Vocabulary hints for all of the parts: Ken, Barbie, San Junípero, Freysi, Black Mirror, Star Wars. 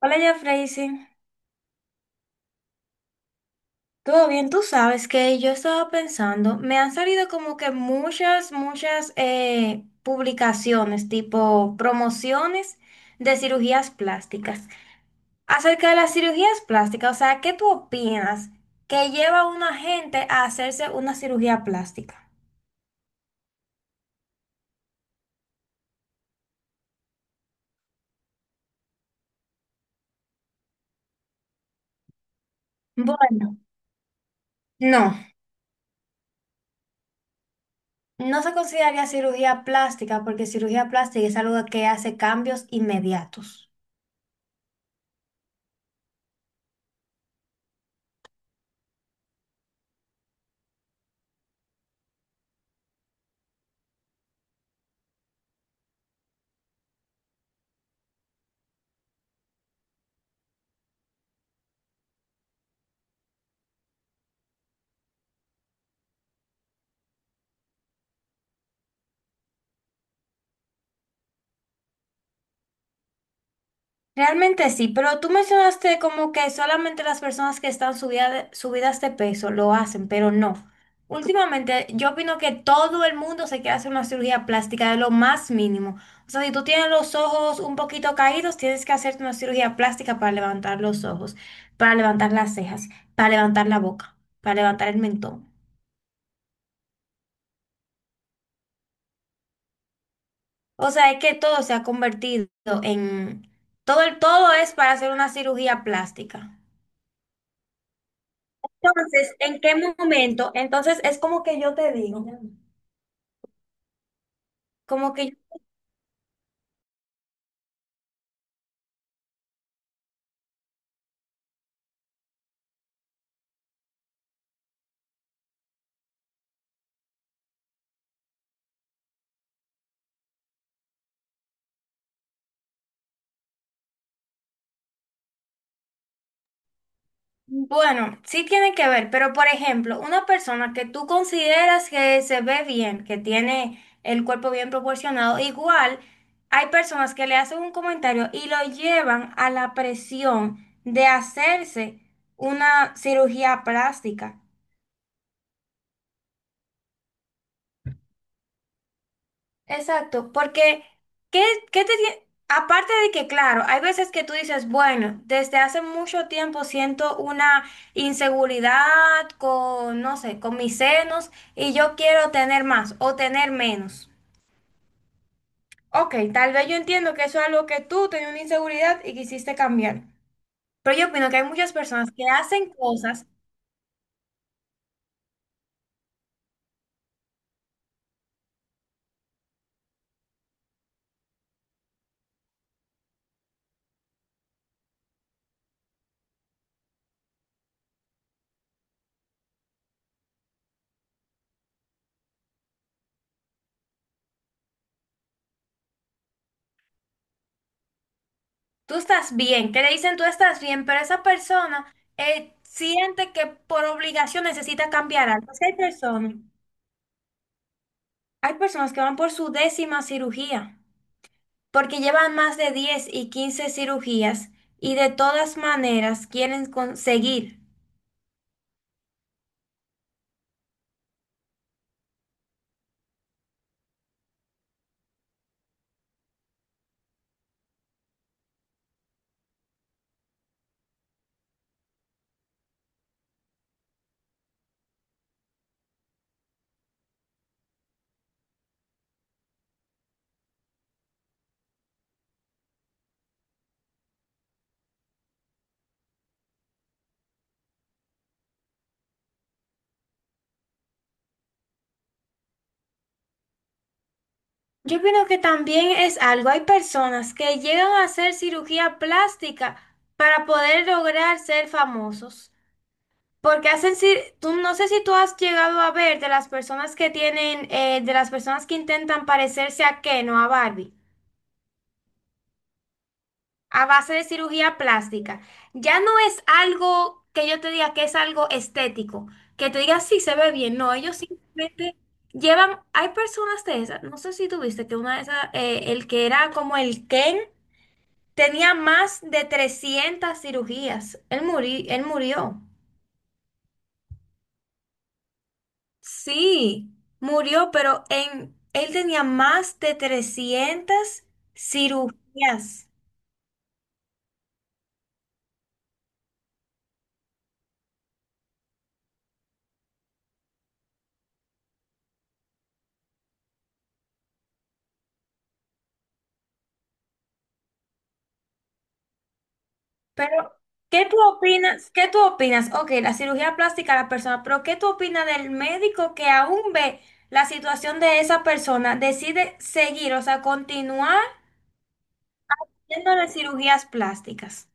Hola, ya Freysi. ¿Todo bien? Tú sabes que yo estaba pensando. Me han salido como que muchas, muchas publicaciones, tipo promociones de cirugías plásticas. Acerca de las cirugías plásticas, o sea, ¿qué tú opinas que lleva a una gente a hacerse una cirugía plástica? Bueno, no, no se consideraría cirugía plástica porque cirugía plástica es algo que hace cambios inmediatos. Realmente sí, pero tú mencionaste como que solamente las personas que están subidas de peso lo hacen, pero no. Últimamente yo opino que todo el mundo se quiere hacer una cirugía plástica de lo más mínimo. O sea, si tú tienes los ojos un poquito caídos, tienes que hacerte una cirugía plástica para levantar los ojos, para levantar las cejas, para levantar la boca, para levantar el mentón. O sea, es que todo se ha convertido en... Todo el todo es para hacer una cirugía plástica. Entonces, ¿en qué momento? Entonces, es como que yo te digo, como que, bueno, sí tiene que ver, pero por ejemplo, una persona que tú consideras que se ve bien, que tiene el cuerpo bien proporcionado, igual hay personas que le hacen un comentario y lo llevan a la presión de hacerse una cirugía plástica. Exacto, porque ¿qué, qué aparte de que, claro, hay veces que tú dices, bueno, desde hace mucho tiempo siento una inseguridad con, no sé, con mis senos y yo quiero tener más o tener menos. Ok, tal vez yo entiendo que eso es algo que tú tenías una inseguridad y quisiste cambiar. Pero yo opino que hay muchas personas que hacen cosas, tú estás bien, que le dicen tú estás bien, pero esa persona siente que por obligación necesita cambiar algo. Así hay personas. Hay personas que van por su décima cirugía, porque llevan más de 10 y 15 cirugías y de todas maneras quieren conseguir. Yo opino que también es algo, hay personas que llegan a hacer cirugía plástica para poder lograr ser famosos, porque hacen, tú no sé si tú has llegado a ver de las personas que tienen, de las personas que intentan parecerse a Ken o a Barbie. A base de cirugía plástica, ya no es algo que yo te diga que es algo estético, que te diga sí se ve bien. No, ellos simplemente llevan, hay personas de esas, no sé si tuviste que una de esas, el que era como el Ken, tenía más de 300 cirugías. Él él murió, sí, murió, pero en, él tenía más de 300 cirugías. Pero, ¿qué tú opinas? ¿Qué tú opinas? Ok, la cirugía plástica a la persona, pero ¿qué tú opinas del médico que aún ve la situación de esa persona, decide seguir, o sea, continuar haciéndole cirugías plásticas?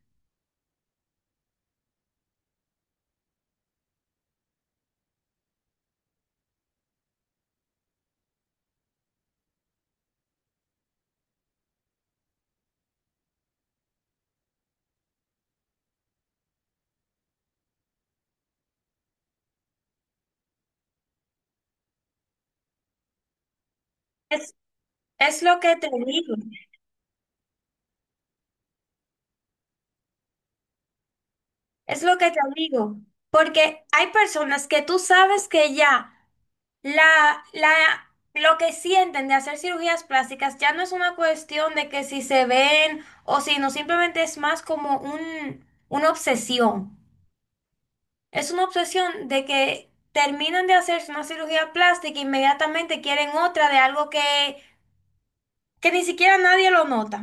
Es, es lo que te digo, es lo que te digo, porque hay personas que tú sabes que ya La, la, lo que sienten de hacer cirugías plásticas ya no es una cuestión de que si se ven o si no, simplemente es más como un, una obsesión. Es una obsesión de que terminan de hacerse una cirugía plástica e inmediatamente quieren otra de algo que ni siquiera nadie lo nota.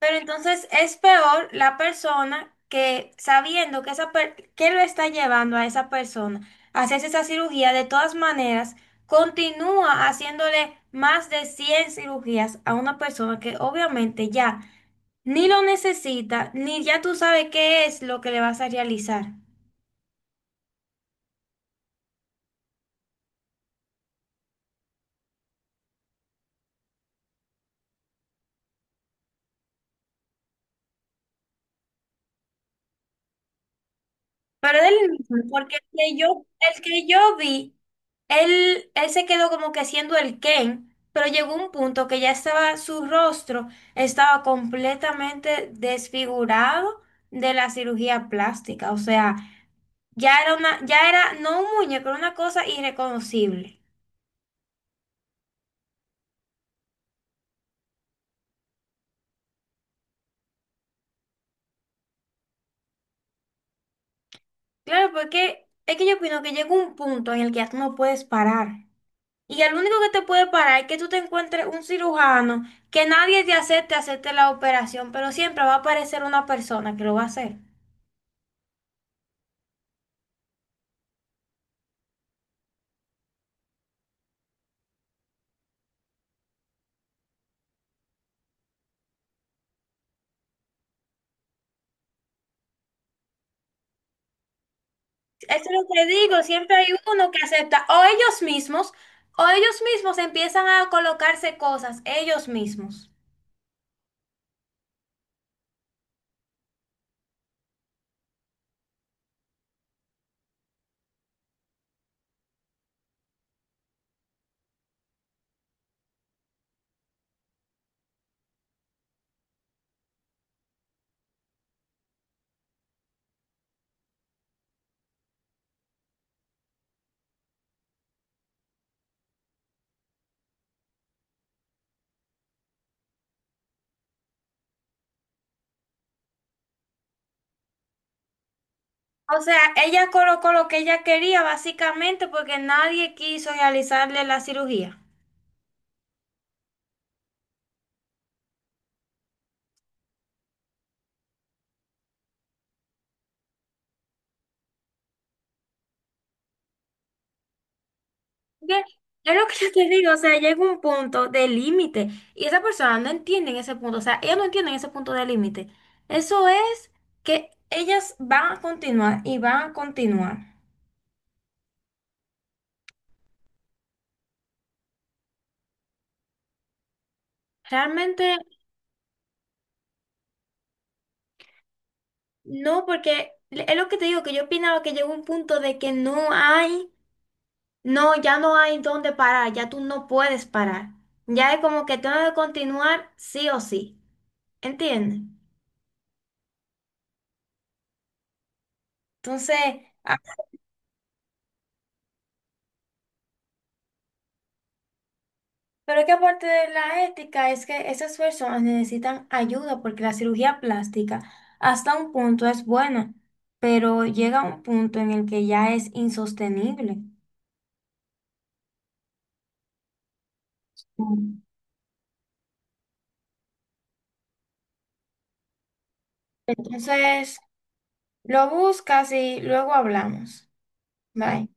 Pero entonces es peor la persona que sabiendo que, que lo está llevando a esa persona a hacerse esa cirugía, de todas maneras, continúa haciéndole más de 100 cirugías a una persona que obviamente ya ni lo necesita, ni ya tú sabes qué es lo que le vas a realizar. Pero del mismo, porque el que yo vi, él se quedó como que siendo el Ken, pero llegó un punto que ya estaba, su rostro estaba completamente desfigurado de la cirugía plástica. O sea, ya era no un muñeco, era una cosa irreconocible. Claro, porque es que yo opino que llega un punto en el que ya tú no puedes parar. Y el único que te puede parar es que tú te encuentres un cirujano que nadie te acepte hacerte la operación, pero siempre va a aparecer una persona que lo va a hacer. Eso es lo que digo, siempre hay uno que acepta, o ellos mismos empiezan a colocarse cosas, ellos mismos. O sea, ella colocó lo que ella quería básicamente porque nadie quiso realizarle la cirugía. que- Es lo que yo te digo, o sea, llega un punto de límite y esa persona no entiende ese punto, o sea, ellas no entienden ese punto de límite. Eso es que ellas van a continuar y van a continuar. Realmente no, porque es lo que te digo, que yo opinaba que llegó un punto de que no hay, no, ya no hay dónde parar, ya tú no puedes parar. Ya es como que tengo que continuar sí o sí, ¿entiendes? Entonces... Pero es que aparte de la ética, es que esas personas necesitan ayuda porque la cirugía plástica hasta un punto es buena, pero llega un punto en el que ya es insostenible. Mm. Entonces, lo buscas y luego hablamos. Bye.